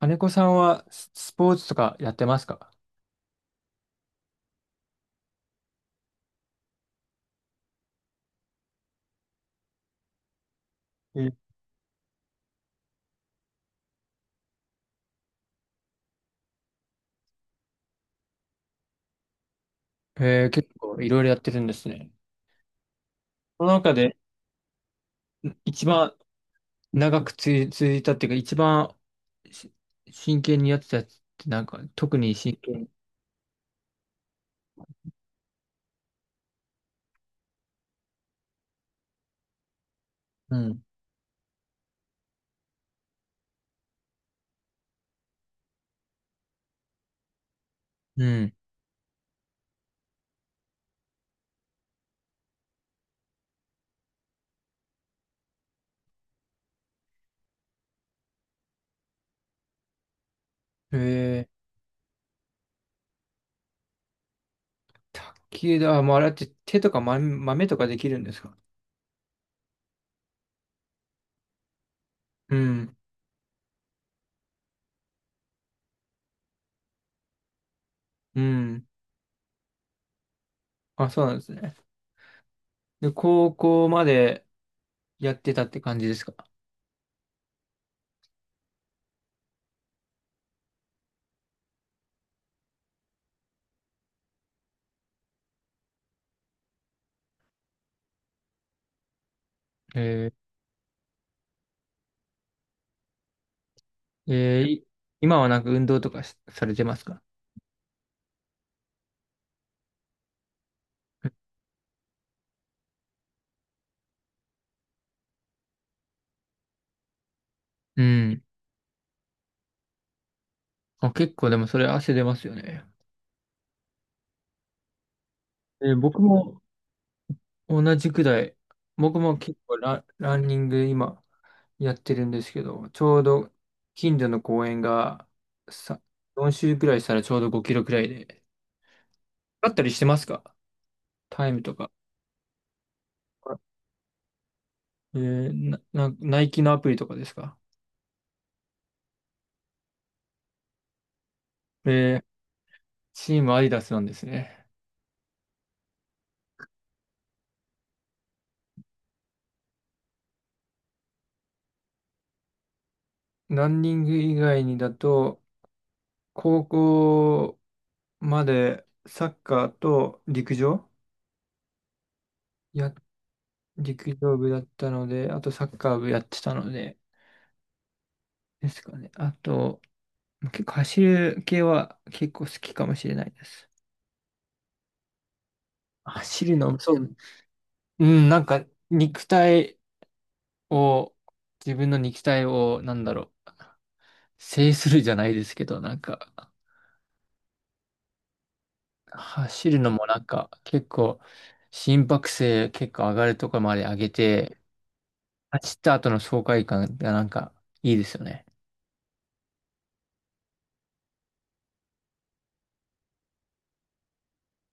金子さんはスポーツとかやってますか？ええー、結構いろいろやってるんですね。その中で一番長く続いたっていうか、一番し真剣にやってたやつってなんか、特に真剣に。うん。うん。ええ卓球だ。あ、もうあれって手とか豆とかできるんですか？うん。うん。あ、そうなんですね。で、高校までやってたって感じですか？えー、えーい今はなんか運動とかされてますか？うん。あ、結構でもそれ汗出ますよね。僕も、同じくらい。僕も結構ランニング今やってるんですけど、ちょうど近所の公園がさ、4周くらいしたらちょうど5キロくらいで。あったりしてますか？タイムとか。えーな、な、ナイキのアプリとかですか？えーチームアディダスなんですね。ランニング以外にだと、高校までサッカーとや陸上部だったので、あとサッカー部やってたので、ですかね。あと、結構走る系は結構好きかもしれないです。走るの、そう。うん、なんか肉体を、自分の肉体を、なんだろう、制するじゃないですけど、なんか、走るのもなんか結構、心拍数結構上がるところまで上げて、走った後の爽快感がなんかいいですよね。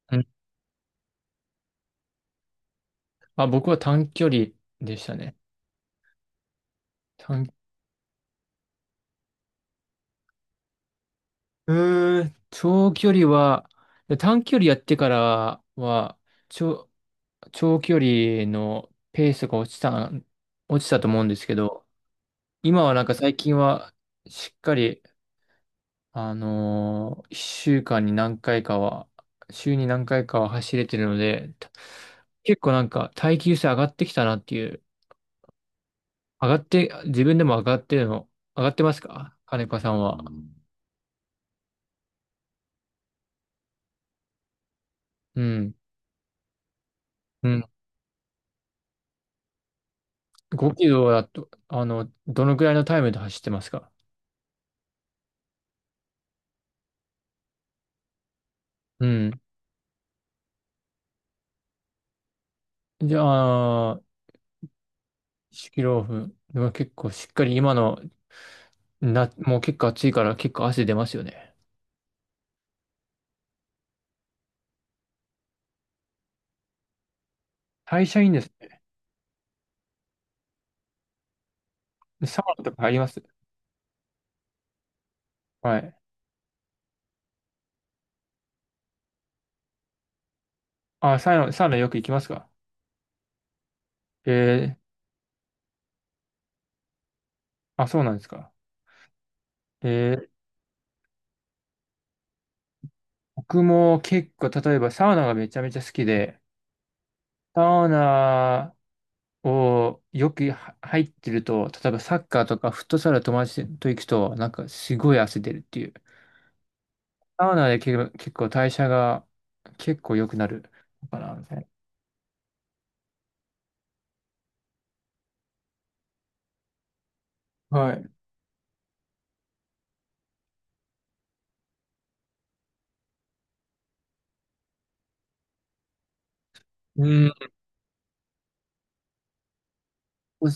うん。あ、僕は短距離でしたね。短うーん、長距離は、で短距離やってからは、長、長距離のペースが落ちたと思うんですけど、今はなんか最近は、しっかり、1週間に何回かは、週に何回かは走れてるので、結構なんか耐久性上がってきたなっていう、上がって、自分でも上がってますか、金子さんは？うん。うん。5キロだと、あの、どのくらいのタイムで走ってますか？うん。じゃあ、1キロオフ。でも結構しっかり今の、もう結構暑いから結構汗出ますよね。代謝いいんですね。サウナとか入ります？はい。あ、サウナよく行きますか？えあ、そうなんですか。えー、僕も結構、例えばサウナがめちゃめちゃ好きで、サウナをよくは入ってると、例えばサッカーとかフットサル友達と行くと、なんかすごい汗出るっていう。サウナで結構代謝が結構良くなるのかな、みたいな。はい。うん、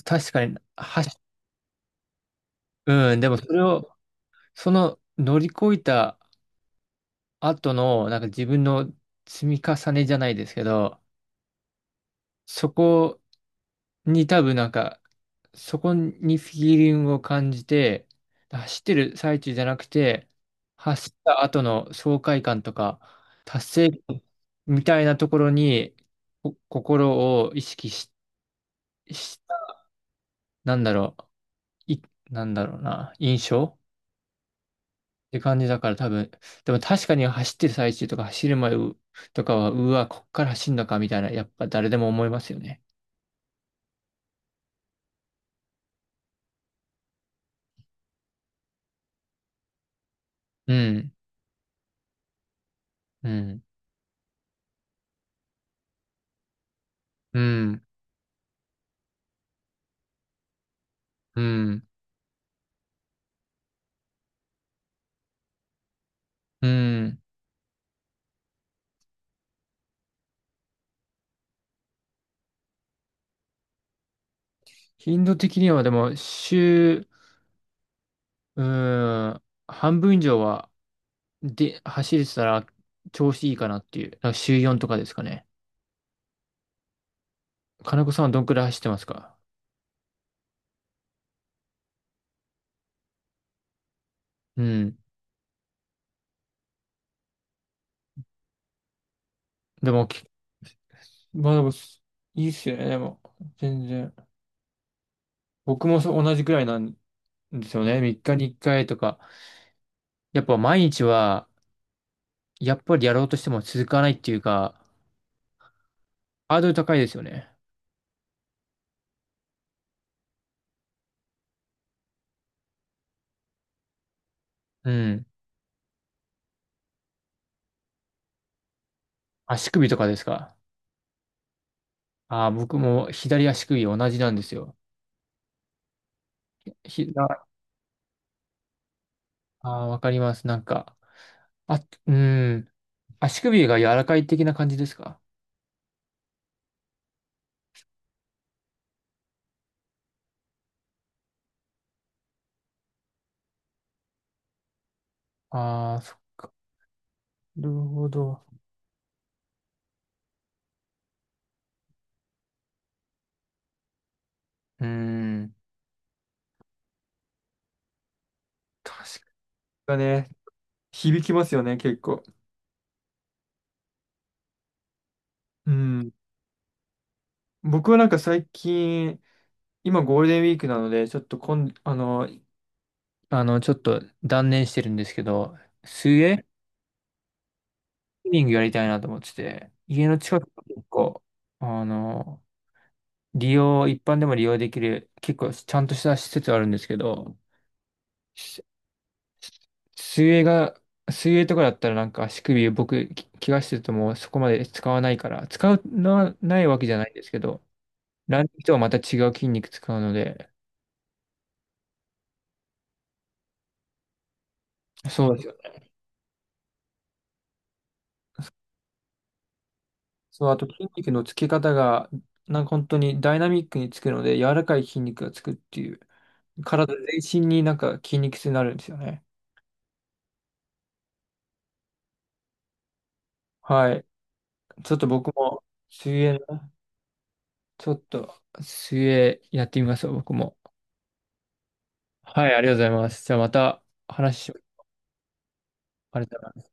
確かに、うん、でもそれを、その乗り越えた後の、なんか自分の積み重ねじゃないですけど、そこに多分なんか、そこにフィーリングを感じて、走ってる最中じゃなくて、走った後の爽快感とか、達成みたいなところに、心を意識し、なんだろう、い、なんだろうな、印象って感じだから多分、でも確かに走ってる最中とか走る前とかは、うわ、こっから走んのかみたいな、やっぱ誰でも思いますよね。うん、うん、うん、うん、うん。頻度的にはでも、うん、半分以上は、で、走れてたら調子いいかなっていう、なんか週4とかですかね。金子さんはどんくらい走ってますか？うん。でも、まあでも、いいっすよね、でも。全然。僕もそう同じくらいなんですよね。3日に1回とか。やっぱ毎日は、やっぱりやろうとしても続かないっていうか、ハードル高いですよね。うん。足首とかですか？ああ、僕も左足首同じなんですよ。ああー、わかります。なんか、あ、うん。足首が柔らかい的な感じですか？ああ、なるほど。うん。確かね、響きますよね、結構。うん。僕はなんか最近、今ゴールデンウィークなので、ちょっとちょっと断念してるんですけど、水泳スイミングやりたいなと思ってて、家の近くに結構、あの、一般でも利用できる、結構ちゃんとした施設あるんですけど、し水泳が、水泳とかだったらなんか足首僕、怪我してるともうそこまで使わないから、使うのはないわけじゃないんですけど、ランニングとはまた違う筋肉使うので、そうですよね。そう、あと筋肉のつけ方が、なんか本当にダイナミックにつくので、柔らかい筋肉がつくっていう、体全身になんか筋肉痛になるんですよね。はい。ちょっと僕も、水泳、ちょっと、水泳やってみますよ、僕も。はい、ありがとうございます。じゃあまた話しましょう。ありがとうございます。